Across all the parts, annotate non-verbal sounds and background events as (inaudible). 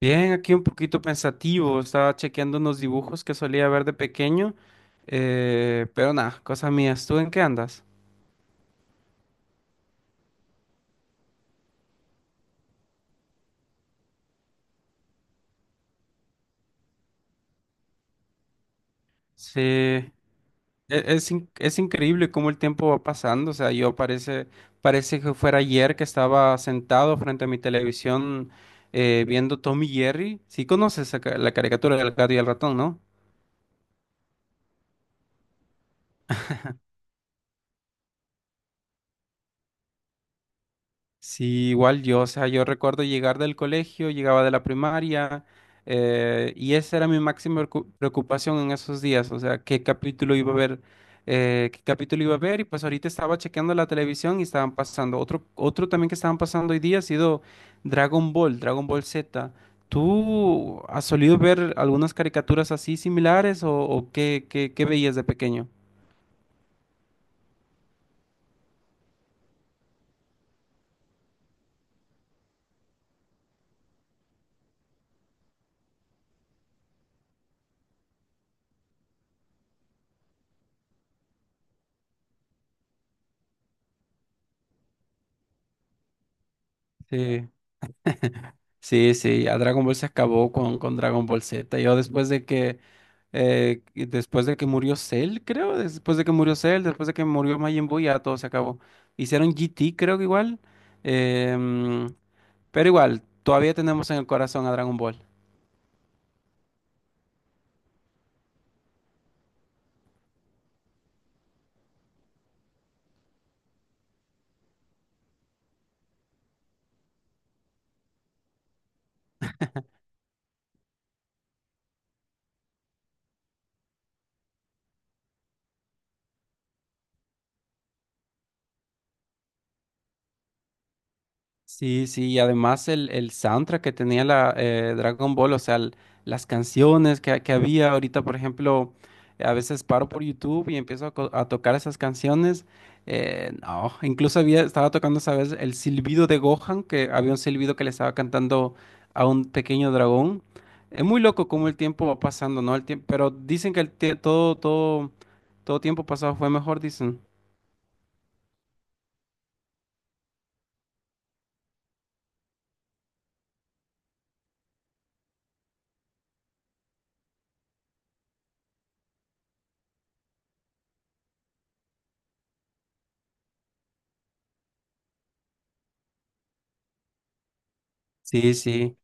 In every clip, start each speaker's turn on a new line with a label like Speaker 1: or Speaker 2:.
Speaker 1: Bien, aquí un poquito pensativo, estaba chequeando unos dibujos que solía ver de pequeño, pero nada, cosa mía. ¿Tú en qué andas? Sí, e- es increíble cómo el tiempo va pasando. O sea, parece que fuera ayer que estaba sentado frente a mi televisión, viendo Tom y Jerry. Sí conoces la caricatura del gato y el ratón, ¿no? Sí, igual yo. O sea, yo recuerdo llegar del colegio, llegaba de la primaria, y esa era mi preocupación en esos días. O sea, qué capítulo iba a ver, qué capítulo iba a ver, y pues ahorita estaba chequeando la televisión y estaban pasando. Otro también que estaban pasando hoy día ha sido Dragon Ball, Dragon Ball Z. ¿Tú has solido ver algunas caricaturas así similares? O qué, qué veías de pequeño? Sí. Sí, sí, ya Dragon Ball se acabó con Dragon Ball Z. Yo después de que después de que murió Cell, creo, después de que murió Cell, después de que murió Majin Buu, ya todo se acabó. Hicieron GT, creo que igual. em, pero igual, todavía tenemos en el corazón a Dragon Ball. Sí, sí. Y además el soundtrack que tenía la Dragon Ball. O sea, las canciones que había ahorita. Por ejemplo, a veces paro por YouTube y empiezo a tocar esas canciones. No, incluso había, estaba tocando esa vez el silbido de Gohan, que había un silbido que le estaba cantando a un pequeño dragón. Es muy loco cómo el tiempo va pasando, ¿no? El tiempo. Pero dicen que todo, todo, todo tiempo pasado fue mejor, dicen. Sí, sí.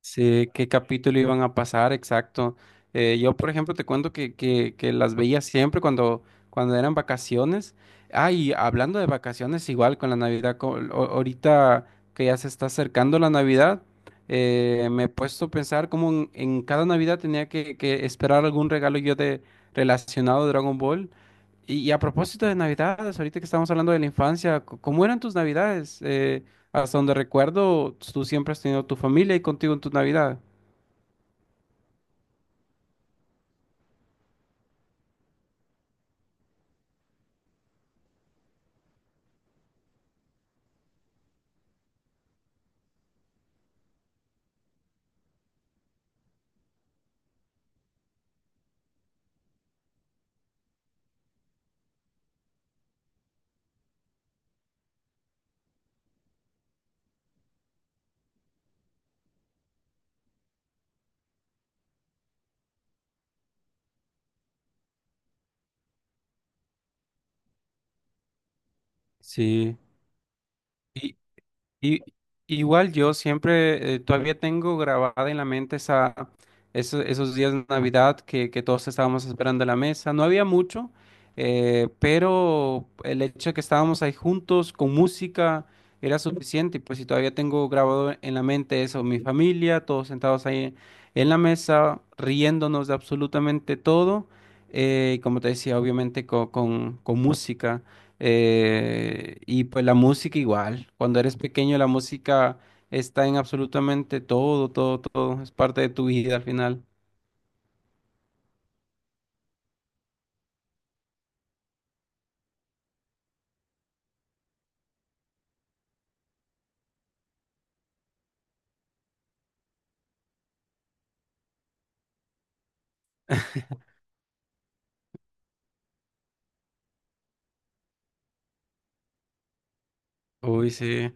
Speaker 1: Sí, qué capítulo iban a pasar, exacto. Yo, por ejemplo, te cuento que, que las veía siempre cuando, cuando eran vacaciones. Ah, y hablando de vacaciones, igual con la Navidad, ahorita que ya se está acercando la Navidad, me he puesto a pensar cómo en cada Navidad tenía que esperar algún regalo yo de relacionado a Dragon Ball. Y a propósito de Navidades, ahorita que estamos hablando de la infancia, ¿cómo eran tus Navidades? Hasta donde recuerdo, tú siempre has tenido tu familia y contigo en tu Navidad. Sí. Y, Y, Igual yo siempre, todavía tengo grabada en la mente esa, esos días de Navidad que todos estábamos esperando en la mesa. No había mucho, pero el hecho de que estábamos ahí juntos con música era suficiente. Y pues si todavía tengo grabado en la mente eso, mi familia, todos sentados ahí en la mesa, riéndonos de absolutamente todo. Como te decía, obviamente con música. Y pues la música igual. Cuando eres pequeño, la música está en absolutamente todo, todo, todo. Es parte de tu vida al final. Uy, sí.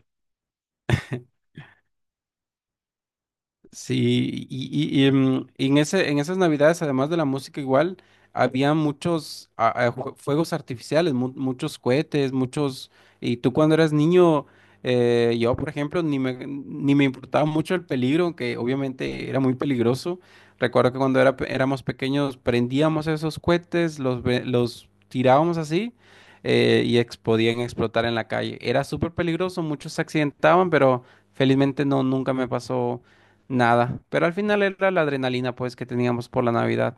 Speaker 1: Sí, y en ese, en esas navidades, además de la música igual, había muchos a jue- fuegos artificiales, muchos cohetes, muchos... Y tú cuando eras niño, yo por ejemplo, ni me importaba mucho el peligro, aunque obviamente era muy peligroso. Recuerdo que cuando éramos pequeños prendíamos esos cohetes, los tirábamos así, podían explotar en la calle. Era súper peligroso, muchos se accidentaban, pero felizmente no, nunca me pasó nada. Pero al final era la adrenalina pues que teníamos por la Navidad.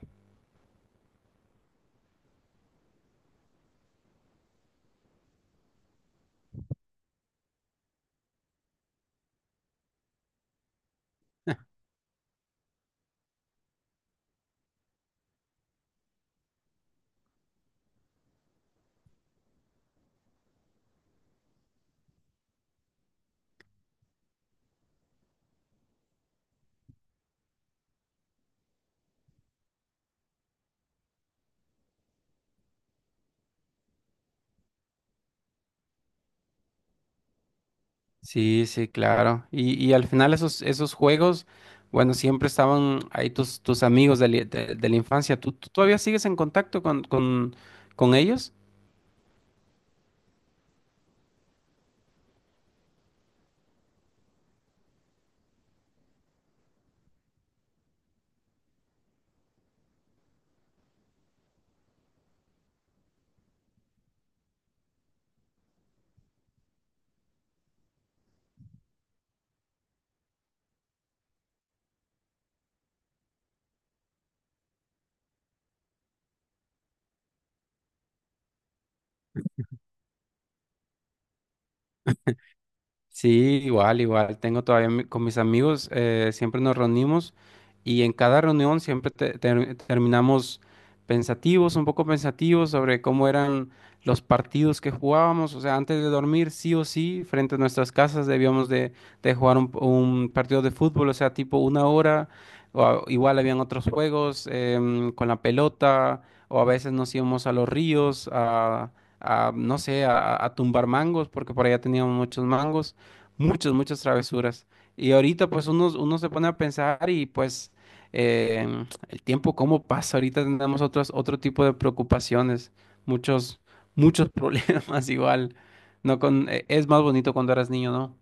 Speaker 1: Sí, sí, claro. Y al final esos, esos juegos, bueno, siempre estaban ahí tus amigos de la infancia. ¿Tú, tú todavía sigues en contacto con ellos? Sí, igual, igual. Tengo todavía con mis amigos, siempre nos reunimos y en cada reunión siempre terminamos pensativos, un poco pensativos sobre cómo eran los partidos que jugábamos. O sea, antes de dormir, sí o sí, frente a nuestras casas debíamos de jugar un partido de fútbol, o sea, tipo una hora. Igual habían otros juegos, con la pelota, o a veces nos íbamos a los ríos a, no sé, a tumbar mangos porque por allá teníamos muchos mangos, muchas, muchas travesuras. Y ahorita pues uno se pone a pensar y pues eh, el tiempo cómo pasa. Ahorita tenemos otro tipo de preocupaciones, muchos, muchos problemas (laughs) igual. No con, es más bonito cuando eras niño, ¿no?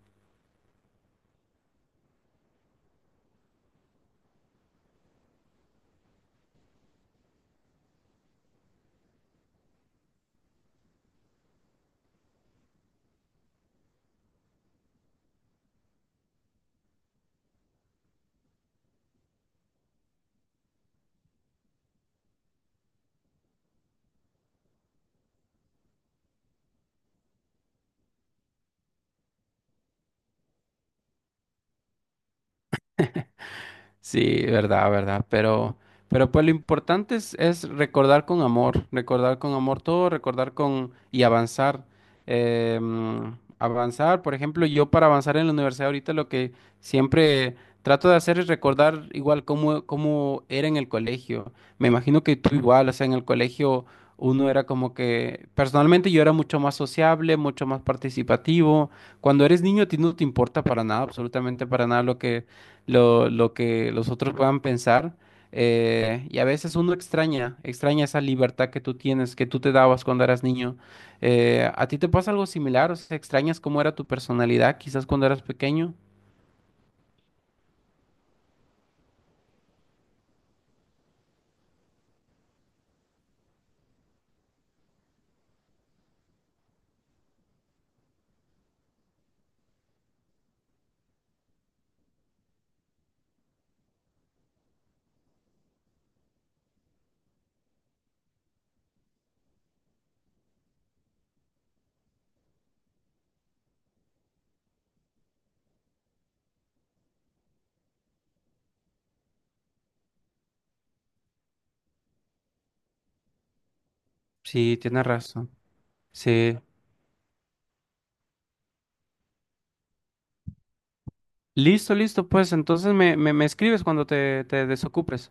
Speaker 1: Sí, verdad, verdad, pero pues lo importante es recordar con amor todo, recordar con y avanzar. Mm, avanzar, por ejemplo, yo para avanzar en la universidad ahorita lo que siempre trato de hacer es recordar igual cómo, cómo era en el colegio. Me imagino que tú igual. O sea, en el colegio uno era como que, personalmente yo era mucho más sociable, mucho más participativo. Cuando eres niño a ti no te importa para nada, absolutamente para nada lo que lo que los otros puedan pensar. Y a veces uno extraña, extraña esa libertad que tú tienes, que tú te dabas cuando eras niño. ¿A ti te pasa algo similar? O sea, ¿extrañas cómo era tu personalidad quizás cuando eras pequeño? Sí, tienes razón. Sí. Listo, listo, pues entonces me, me escribes cuando te desocupes.